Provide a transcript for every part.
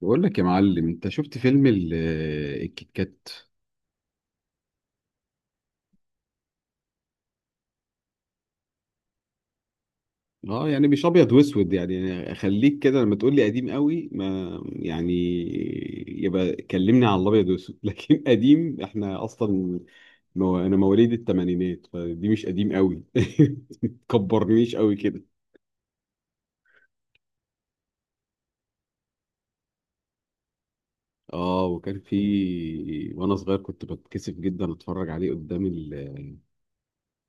بقول لك يا معلم، انت شفت فيلم الكيت كات؟ اه، يعني مش ابيض واسود، يعني اخليك كده لما تقول لي قديم قوي ما يعني. يبقى كلمني على الابيض واسود. لكن قديم، احنا اصلا مو، انا مواليد الثمانينات فدي مش قديم قوي. تكبرنيش قوي كده. اه، وكان في، وانا صغير كنت بتكسف جدا اتفرج عليه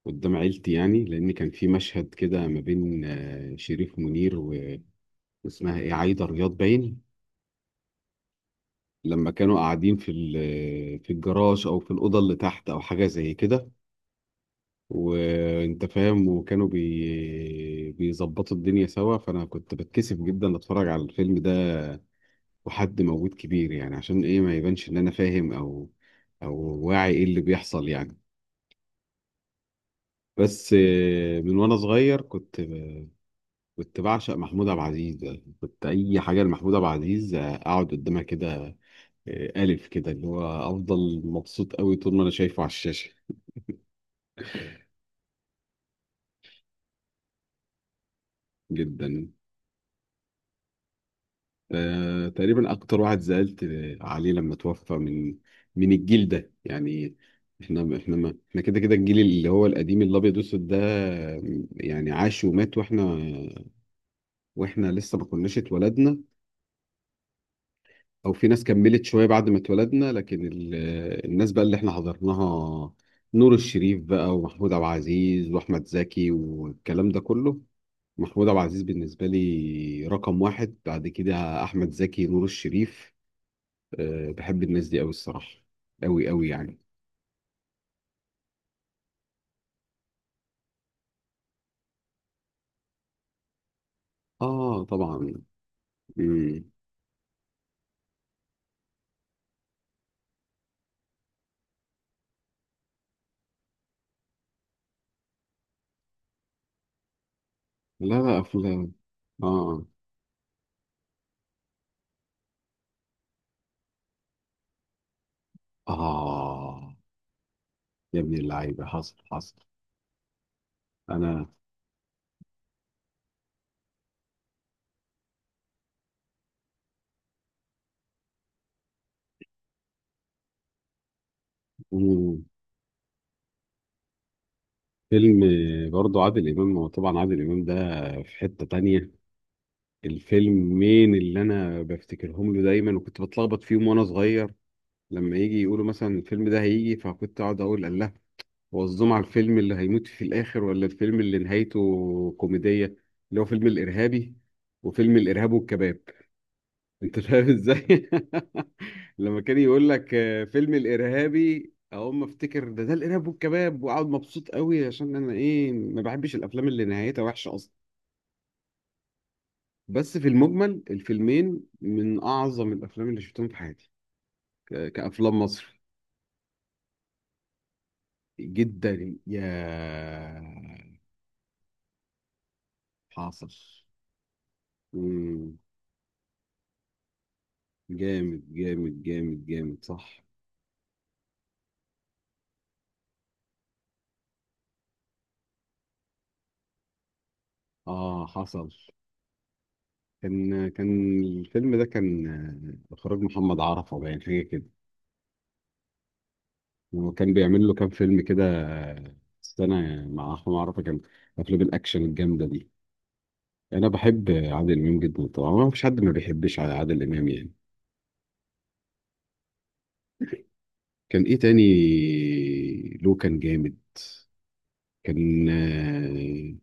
قدام عيلتي، يعني لان كان في مشهد كده ما بين شريف منير، اسمها ايه، عايدة رياض باين. لما كانوا قاعدين في الجراج او في الاوضه اللي تحت او حاجه زي كده، وانت فاهم، وكانوا بيظبطوا الدنيا سوا. فانا كنت بتكسف جدا اتفرج على الفيلم ده وحد موجود كبير، يعني عشان ايه ما يبانش ان انا فاهم او واعي ايه اللي بيحصل يعني. بس من وانا صغير كنت بعشق محمود عبد العزيز. كنت اي حاجه لمحمود عبد العزيز اقعد قدامها كده، ألف كده، اللي هو أفضل مبسوط أوي طول ما أنا شايفه على الشاشة. جدا. تقريبا أكتر واحد زعلت عليه لما توفى من الجيل ده يعني. إحنا ما إحنا كده كده، الجيل اللي هو القديم الأبيض والأسود ده، يعني عاش ومات، وإحنا لسه ما كناش اتولدنا، أو في ناس كملت شوية بعد ما اتولدنا، لكن الناس بقى اللي إحنا حضرناها، نور الشريف بقى، ومحمود عبد العزيز، وأحمد زكي والكلام ده كله. محمود عبد العزيز بالنسبة لي رقم واحد، بعد كده أحمد زكي، نور الشريف. أه، بحب الناس دي أوي الصراحة. أوي أوي يعني. آه طبعا. مم. لا لا، أفلام. آه آه. يا ابن اللعيبة، حصل حصل. أنا. مم. فيلم. برضو عادل إمام، هو طبعا عادل إمام ده في حتة تانية. الفيلمين اللي أنا بفتكرهم له دايما، وكنت بتلخبط فيهم وأنا صغير، لما يجي يقولوا مثلا الفيلم ده هيجي فكنت أقعد أقول الله، وظهم على الفيلم اللي هيموت في الآخر ولا الفيلم اللي نهايته كوميدية، اللي هو فيلم الإرهابي وفيلم الإرهاب والكباب. أنت فاهم إزاي؟ لما كان يقول لك فيلم الإرهابي أقوم أفتكر ده الإرهاب والكباب، وأقعد مبسوط قوي، عشان أنا إيه ما بحبش الأفلام اللي نهايتها وحشة أصلا. بس في المجمل الفيلمين من أعظم الأفلام اللي شفتهم في حياتي، كأفلام مصر. جدا يا، حاصل. جامد جامد جامد جامد صح. اه، حصل. كان الفيلم ده كان اخراج محمد عرفة، باين حاجه كده. وكان بيعمل له كام فيلم كده، السنه، مع احمد عرفة. كان افلام الاكشن الجامده دي، انا بحب عادل امام جدا طبعا، ما فيش حد ما بيحبش على عادل امام يعني. كان ايه تاني له، كان جامد. كان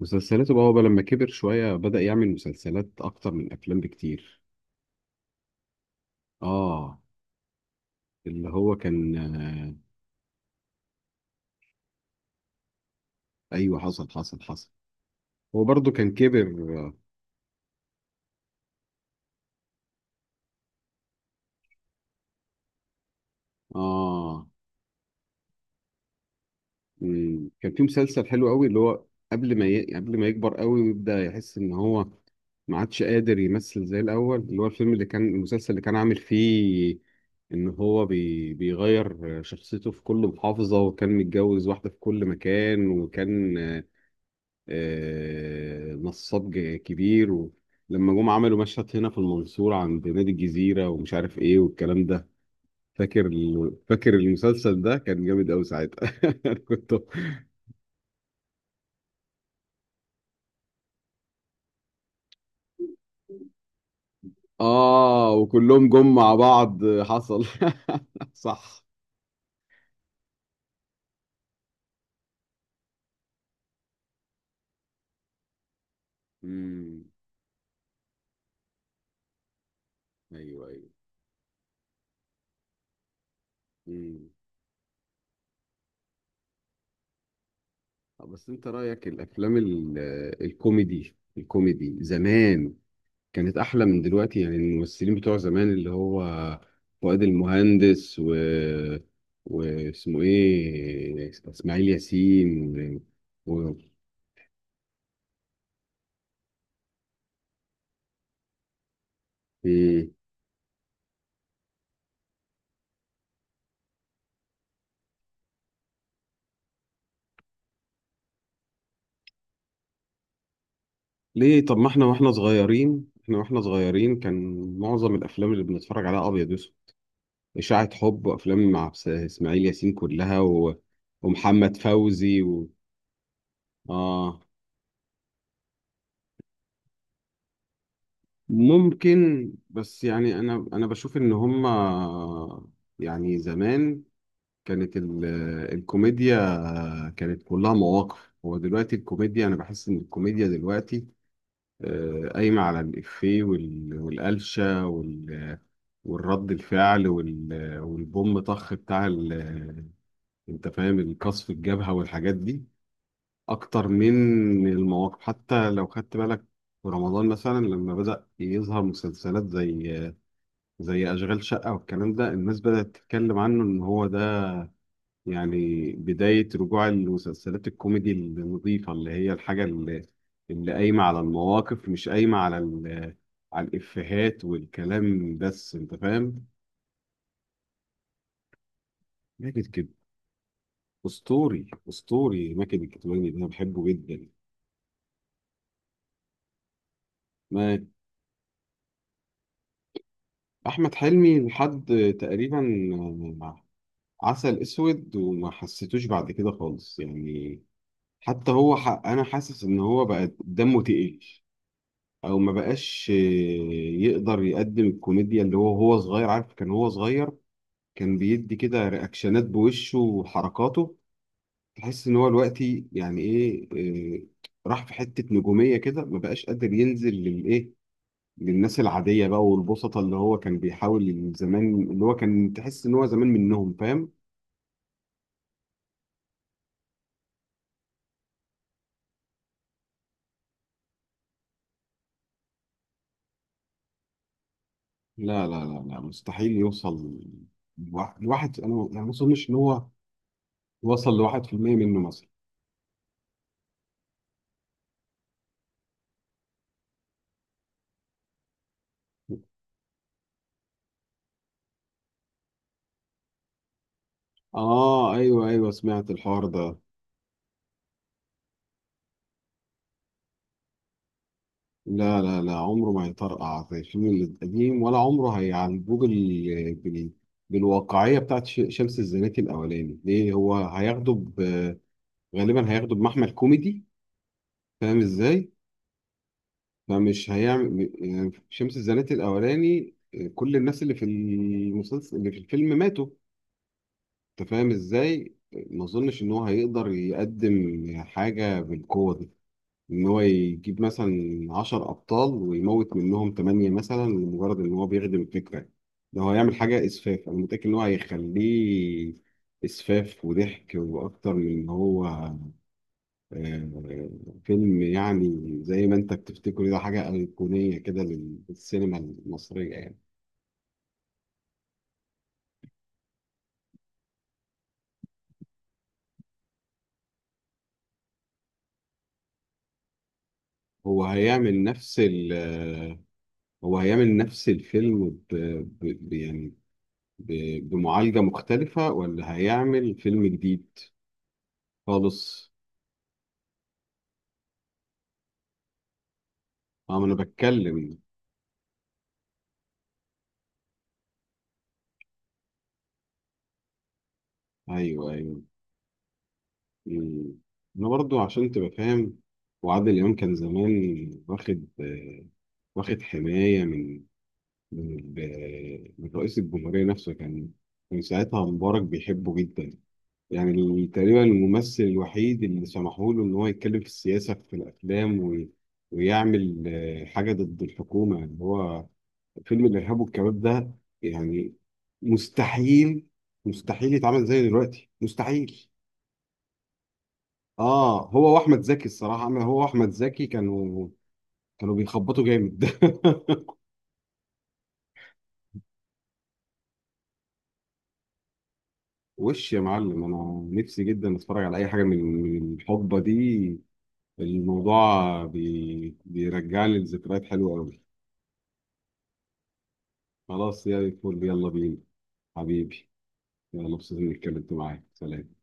مسلسلاته بقى، هو بقى لما كبر شويه بدأ يعمل مسلسلات اكتر من افلام بكتير. اه، اللي هو كان ايوه، حصل حصل حصل. هو برضو كان كبر. اه. آه، مم. كان في مسلسل حلو قوي اللي هو، قبل ما يكبر قوي ويبدأ يحس ان هو ما عادش قادر يمثل زي الاول، اللي هو الفيلم اللي كان المسلسل اللي كان عامل فيه، ان هو بيغير شخصيته في كل محافظة وكان متجوز واحدة في كل مكان، وكان نصاب كبير، ولما جم عملوا مشهد هنا في المنصورة عند نادي الجزيرة ومش عارف ايه والكلام ده. فاكر المسلسل ده كان جامد قوي ساعتها. أنا كنت. اه، وكلهم جم مع بعض، حصل. صح. امم. ايوه ايوه. امم. بس انت رأيك، الافلام الكوميدي، زمان، كانت احلى من دلوقتي، يعني الممثلين بتوع زمان، اللي هو فؤاد المهندس واسمه ايه، اسماعيل ياسين، و... و... إيه. ليه طب، ما احنا واحنا صغيرين، كان معظم الافلام اللي بنتفرج عليها ابيض واسود، اشاعة حب وافلام مع اسماعيل ياسين كلها، ومحمد فوزي اه. ممكن، بس يعني انا بشوف ان هما، يعني زمان كانت الكوميديا كانت كلها مواقف. هو دلوقتي الكوميديا، انا بحس ان الكوميديا دلوقتي قايمه على الافيه والقلشه والرد الفعل والبوم طخ انت فاهم، القصف الجبهه والحاجات دي، اكتر من المواقف. حتى لو خدت بالك، في رمضان مثلا لما بدأ يظهر مسلسلات زي أشغال شقة والكلام ده، الناس بدأت تتكلم عنه إن هو ده يعني بداية رجوع المسلسلات الكوميدي النظيفة، اللي هي الحاجة اللي قايمة على المواقف، مش قايمة على الإفيهات والكلام بس. أنت فاهم؟ ماجد كده، أسطوري أسطوري ماجد الكدواني ده، أنا بحبه جدا. ما... أحمد حلمي لحد تقريبا عسل أسود، وما حسيتوش بعد كده خالص يعني. حتى أنا حاسس إن هو بقى دمه تقيل، او ما بقاش يقدر يقدم الكوميديا اللي هو هو صغير عارف، كان هو صغير كان بيدي كده رياكشنات بوشه وحركاته. تحس ان هو دلوقتي يعني ايه، آه، راح في حتة نجومية كده، ما بقاش قادر ينزل للايه، للناس العادية بقى والبسطة، اللي هو كان بيحاول زمان، اللي هو كان تحس ان هو زمان منهم، فاهم. لا لا لا لا، مستحيل يوصل، أنا ما اظنش ان هو وصل لواحد في المية منه مثلا. اه، ايوه ايوه، سمعت الحوار ده. لا لا لا، عمره ما هيطرقع زي الفيلم القديم، ولا عمره هيعالجوه بالواقعيه بتاعت شمس الزناتي الاولاني. ليه، هو هياخده غالبا هياخده بمحمل كوميدي، فاهم ازاي؟ فمش هيعمل يعني شمس الزناتي الاولاني. كل الناس اللي في الفيلم ماتوا، انت فاهم ازاي؟ ما اظنش ان هو هيقدر يقدم حاجه بالقوه دي، ان هو يجيب مثلا 10 ابطال ويموت منهم 8 مثلا، لمجرد ان هو بيخدم الفكره. ده هو هيعمل حاجه اسفاف، انا متاكد ان هو هيخليه اسفاف وضحك، واكتر من ان هو آه، فيلم، يعني زي ما انت بتفتكره ده حاجه ايقونيه كده للسينما المصريه يعني. هو هيعمل نفس ال آه، هو هيعمل نفس الفيلم يعني بمعالجه مختلفه، ولا هيعمل فيلم جديد خالص. اه، ما انا بتكلم. ايوه ايوه. مم. انا برضو عشان تبقى فاهم، وعادل امام كان زمان واخد واخد حمايه من رئيس الجمهوريه نفسه. كان ساعتها مبارك بيحبه جدا، يعني تقريبا الممثل الوحيد اللي سمحوا له ان هو يتكلم في السياسه في الافلام، ويعمل حاجه ضد الحكومه، اللي هو فيلم الإرهاب والكباب ده. يعني مستحيل، مستحيل يتعمل زي دلوقتي، مستحيل. اه، هو واحمد زكي الصراحه، عمل هو واحمد زكي كانوا بيخبطوا جامد. وش يا معلم، انا نفسي جدا اتفرج على اي حاجه من الحقبه دي. الموضوع بيرجع لي لذكريات حلوه قوي. خلاص يا فل، يلا بينا حبيبي. يلا. مبسوط اني اتكلمت معاك، سلام.